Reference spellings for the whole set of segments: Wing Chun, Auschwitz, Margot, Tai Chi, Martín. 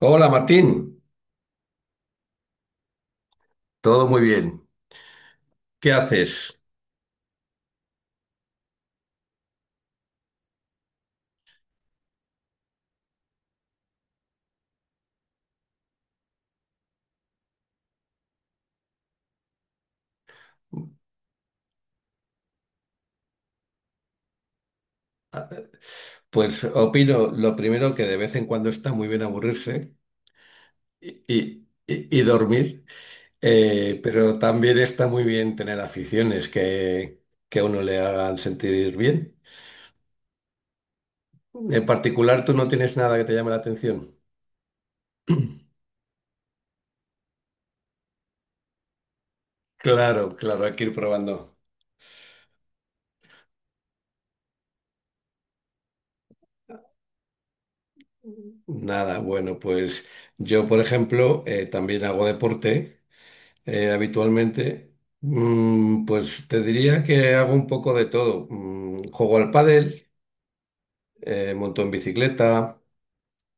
Hola Martín, todo muy bien. ¿Qué haces? Pues opino lo primero que de vez en cuando está muy bien aburrirse y dormir, pero también está muy bien tener aficiones que a uno le hagan sentir bien. En particular, ¿tú no tienes nada que te llame la atención? Claro, claro, hay que ir probando. Nada, bueno, pues yo, por ejemplo, también hago deporte. Habitualmente, pues te diría que hago un poco de todo. Juego al pádel, monto en bicicleta,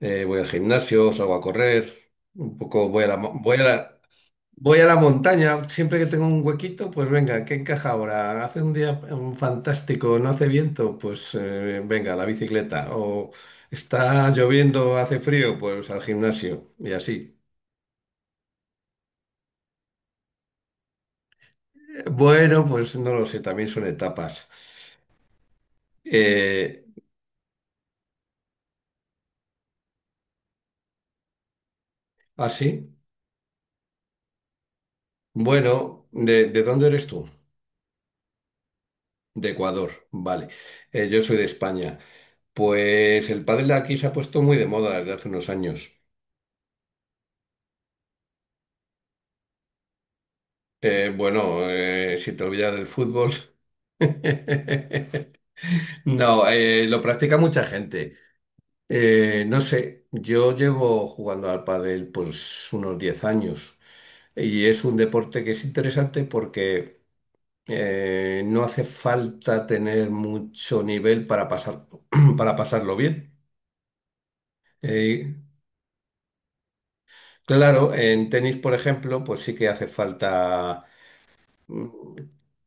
voy al gimnasio, salgo a correr, un poco voy a la, mo- voy a la montaña. Siempre que tengo un huequito, pues venga, ¿qué encaja ahora? Hace un día fantástico, no hace viento, pues venga, la bicicleta. O está lloviendo, hace frío, pues al gimnasio y así. Bueno, pues no lo sé, también son etapas. Eh, Ah, sí. Bueno, ¿de dónde eres tú? De Ecuador, vale. Yo soy de España. Pues el pádel de aquí se ha puesto muy de moda desde hace unos años. Bueno, si te olvidas del fútbol. No, lo practica mucha gente. No sé, yo llevo jugando al pádel pues unos 10 años y es un deporte que es interesante porque no hace falta tener mucho nivel para pasar, para pasarlo bien. Eh, claro, en tenis, por ejemplo, pues sí que hace falta, mm,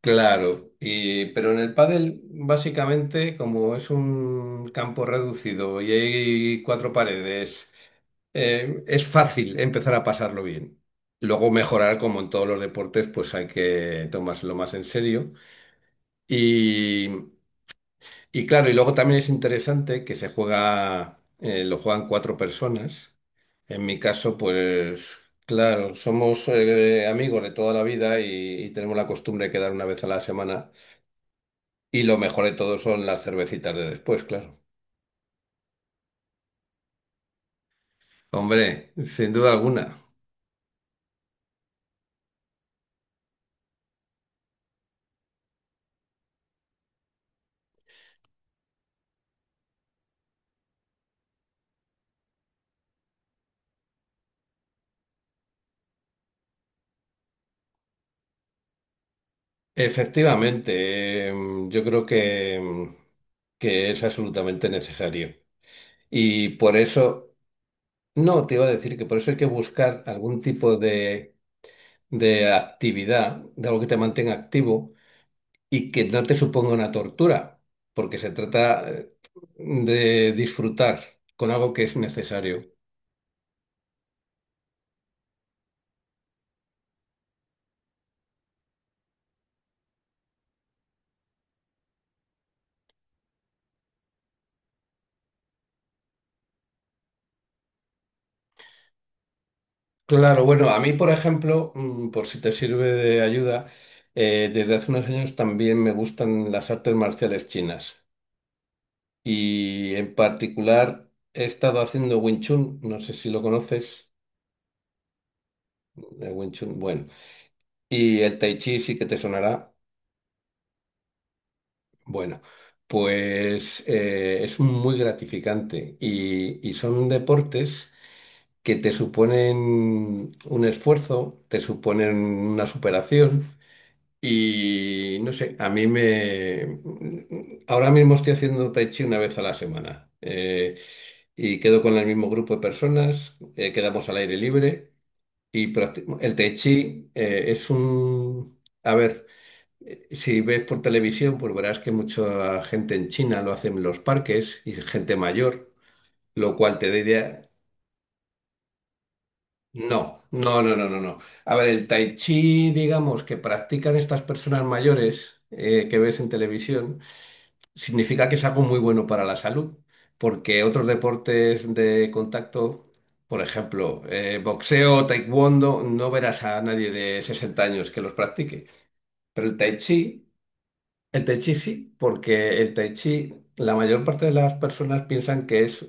claro, pero en el pádel, básicamente, como es un campo reducido y hay cuatro paredes, es fácil empezar a pasarlo bien. Luego mejorar, como en todos los deportes, pues hay que tomárselo más en serio. Y, Y claro, y luego también es interesante que se juega, lo juegan cuatro personas. En mi caso, pues claro, somos amigos de toda la vida y tenemos la costumbre de quedar una vez a la semana. Y lo mejor de todo son las cervecitas de después, claro. Hombre, sin duda alguna. Efectivamente, yo creo que es absolutamente necesario. Y por eso, no, te iba a decir que por eso hay que buscar algún tipo de actividad, de algo que te mantenga activo y que no te suponga una tortura, porque se trata de disfrutar con algo que es necesario. Claro, bueno, a mí, por ejemplo, por si te sirve de ayuda, desde hace unos años también me gustan las artes marciales chinas y en particular he estado haciendo Wing Chun, no sé si lo conoces, el Wing Chun, bueno, y el Tai Chi sí que te sonará. Bueno, pues es muy gratificante y son deportes que te suponen un esfuerzo, te suponen una superación y no sé, a mí me... Ahora mismo estoy haciendo tai chi una vez a la semana, y quedo con el mismo grupo de personas, quedamos al aire libre y el tai chi es un... A ver. Si ves por televisión, pues verás que mucha gente en China lo hace en los parques y gente mayor, lo cual te diría, no, no, no, no, no, no. A ver, el tai chi, digamos, que practican estas personas mayores, que ves en televisión, significa que es algo muy bueno para la salud, porque otros deportes de contacto, por ejemplo, boxeo, taekwondo, no verás a nadie de 60 años que los practique. Pero el tai chi... El tai chi sí, porque el tai chi, la mayor parte de las personas piensan que es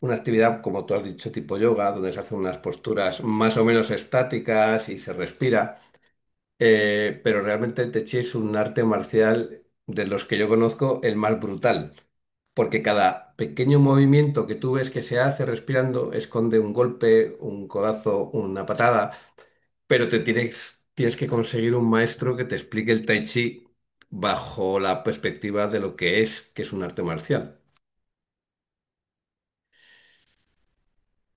una actividad, como tú has dicho, tipo yoga, donde se hacen unas posturas más o menos estáticas y se respira. Pero realmente el tai chi es un arte marcial de los que yo conozco el más brutal, porque cada pequeño movimiento que tú ves que se hace respirando esconde un golpe, un codazo, una patada. Pero tienes que conseguir un maestro que te explique el Tai Chi bajo la perspectiva de lo que es un arte marcial.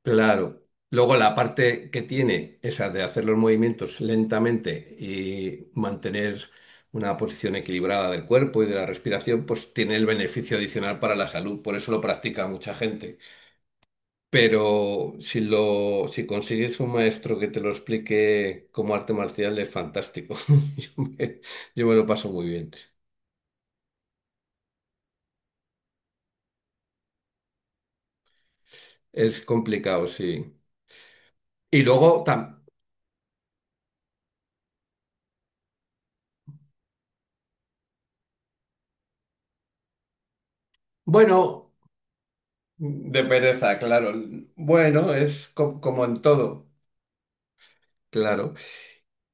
Claro. Luego la parte que tiene, esa de hacer los movimientos lentamente y mantener una posición equilibrada del cuerpo y de la respiración, pues tiene el beneficio adicional para la salud. Por eso lo practica mucha gente. Pero si consigues un maestro que te lo explique como arte marcial, es fantástico. Yo me, yo me lo paso muy bien. Es complicado, sí. Y luego, bueno, de pereza, claro. Bueno, es como en todo, claro.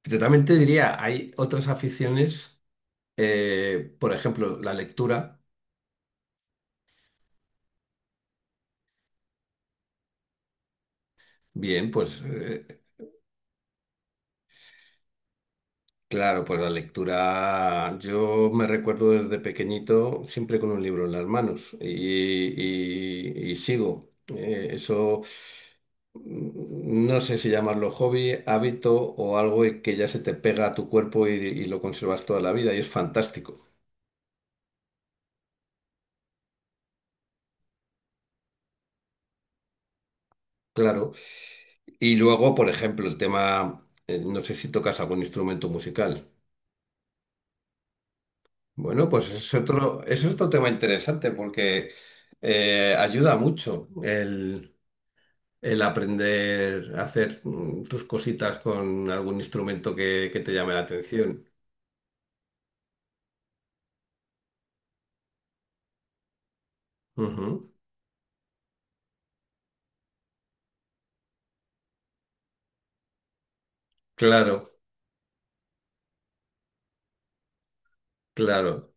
Yo también te diría, hay otras aficiones, por ejemplo, la lectura. Bien, pues claro, pues la lectura, yo me recuerdo desde pequeñito siempre con un libro en las manos y sigo. Eso no sé si llamarlo hobby, hábito o algo que ya se te pega a tu cuerpo y lo conservas toda la vida y es fantástico, claro. Y luego, por ejemplo, el tema, no sé si tocas algún instrumento musical. Bueno, pues es otro tema interesante porque ayuda mucho el aprender a hacer tus cositas con algún instrumento que te llame la atención. Ujú. Claro, claro.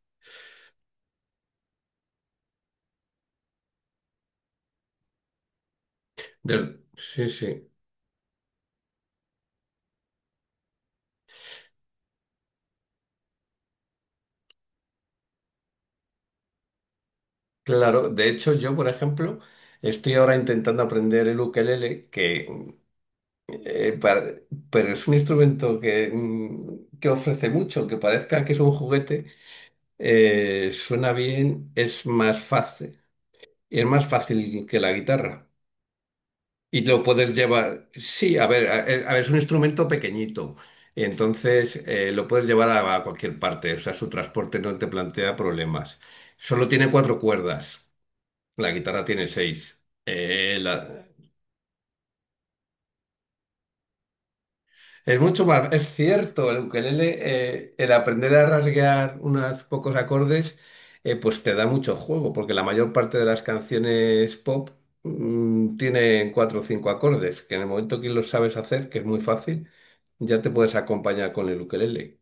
Sí, sí. Claro, de hecho yo, por ejemplo, estoy ahora intentando aprender el ukelele, eh, para- pero es un instrumento que ofrece mucho, que parezca que es un juguete, suena bien, es más fácil, y es más fácil que la guitarra. Y lo puedes llevar, sí, a ver, es un instrumento pequeñito, entonces lo puedes llevar a cualquier parte, o sea, su transporte no te plantea problemas. Solo tiene cuatro cuerdas. La guitarra tiene seis. Es mucho más, es cierto, el ukelele, el aprender a rasguear unos pocos acordes, pues te da mucho juego, porque la mayor parte de las canciones pop tienen cuatro o cinco acordes, que en el momento que los sabes hacer, que es muy fácil, ya te puedes acompañar con el ukelele.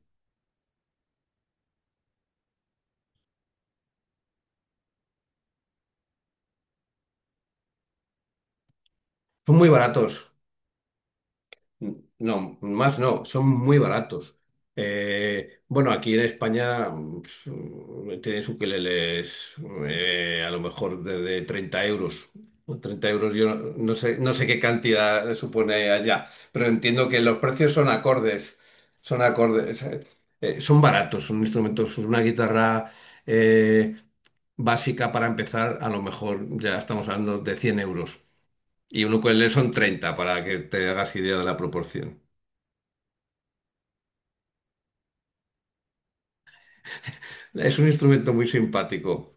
Son muy baratos. No, más no, son muy baratos. Bueno, aquí en España tienes ukeleles a lo mejor de 30 euros. O 30 euros, yo no no sé, qué cantidad supone allá, pero entiendo que los precios son acordes, son acordes, son baratos, son instrumentos, una guitarra eh, básica para empezar, a lo mejor ya estamos hablando de 100 euros. Y un ukelele son 30 para que te hagas idea de la proporción. Es un instrumento muy simpático.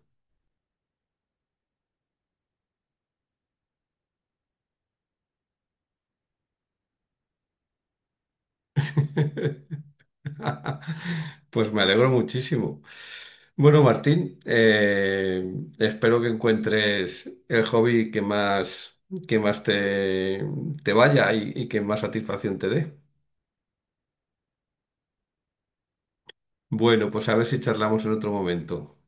Pues me alegro muchísimo. Bueno, Martín, espero que encuentres el hobby que más te vaya y que más satisfacción te dé. Bueno, pues a ver si charlamos en otro momento.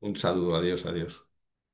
Un saludo, adiós, adiós.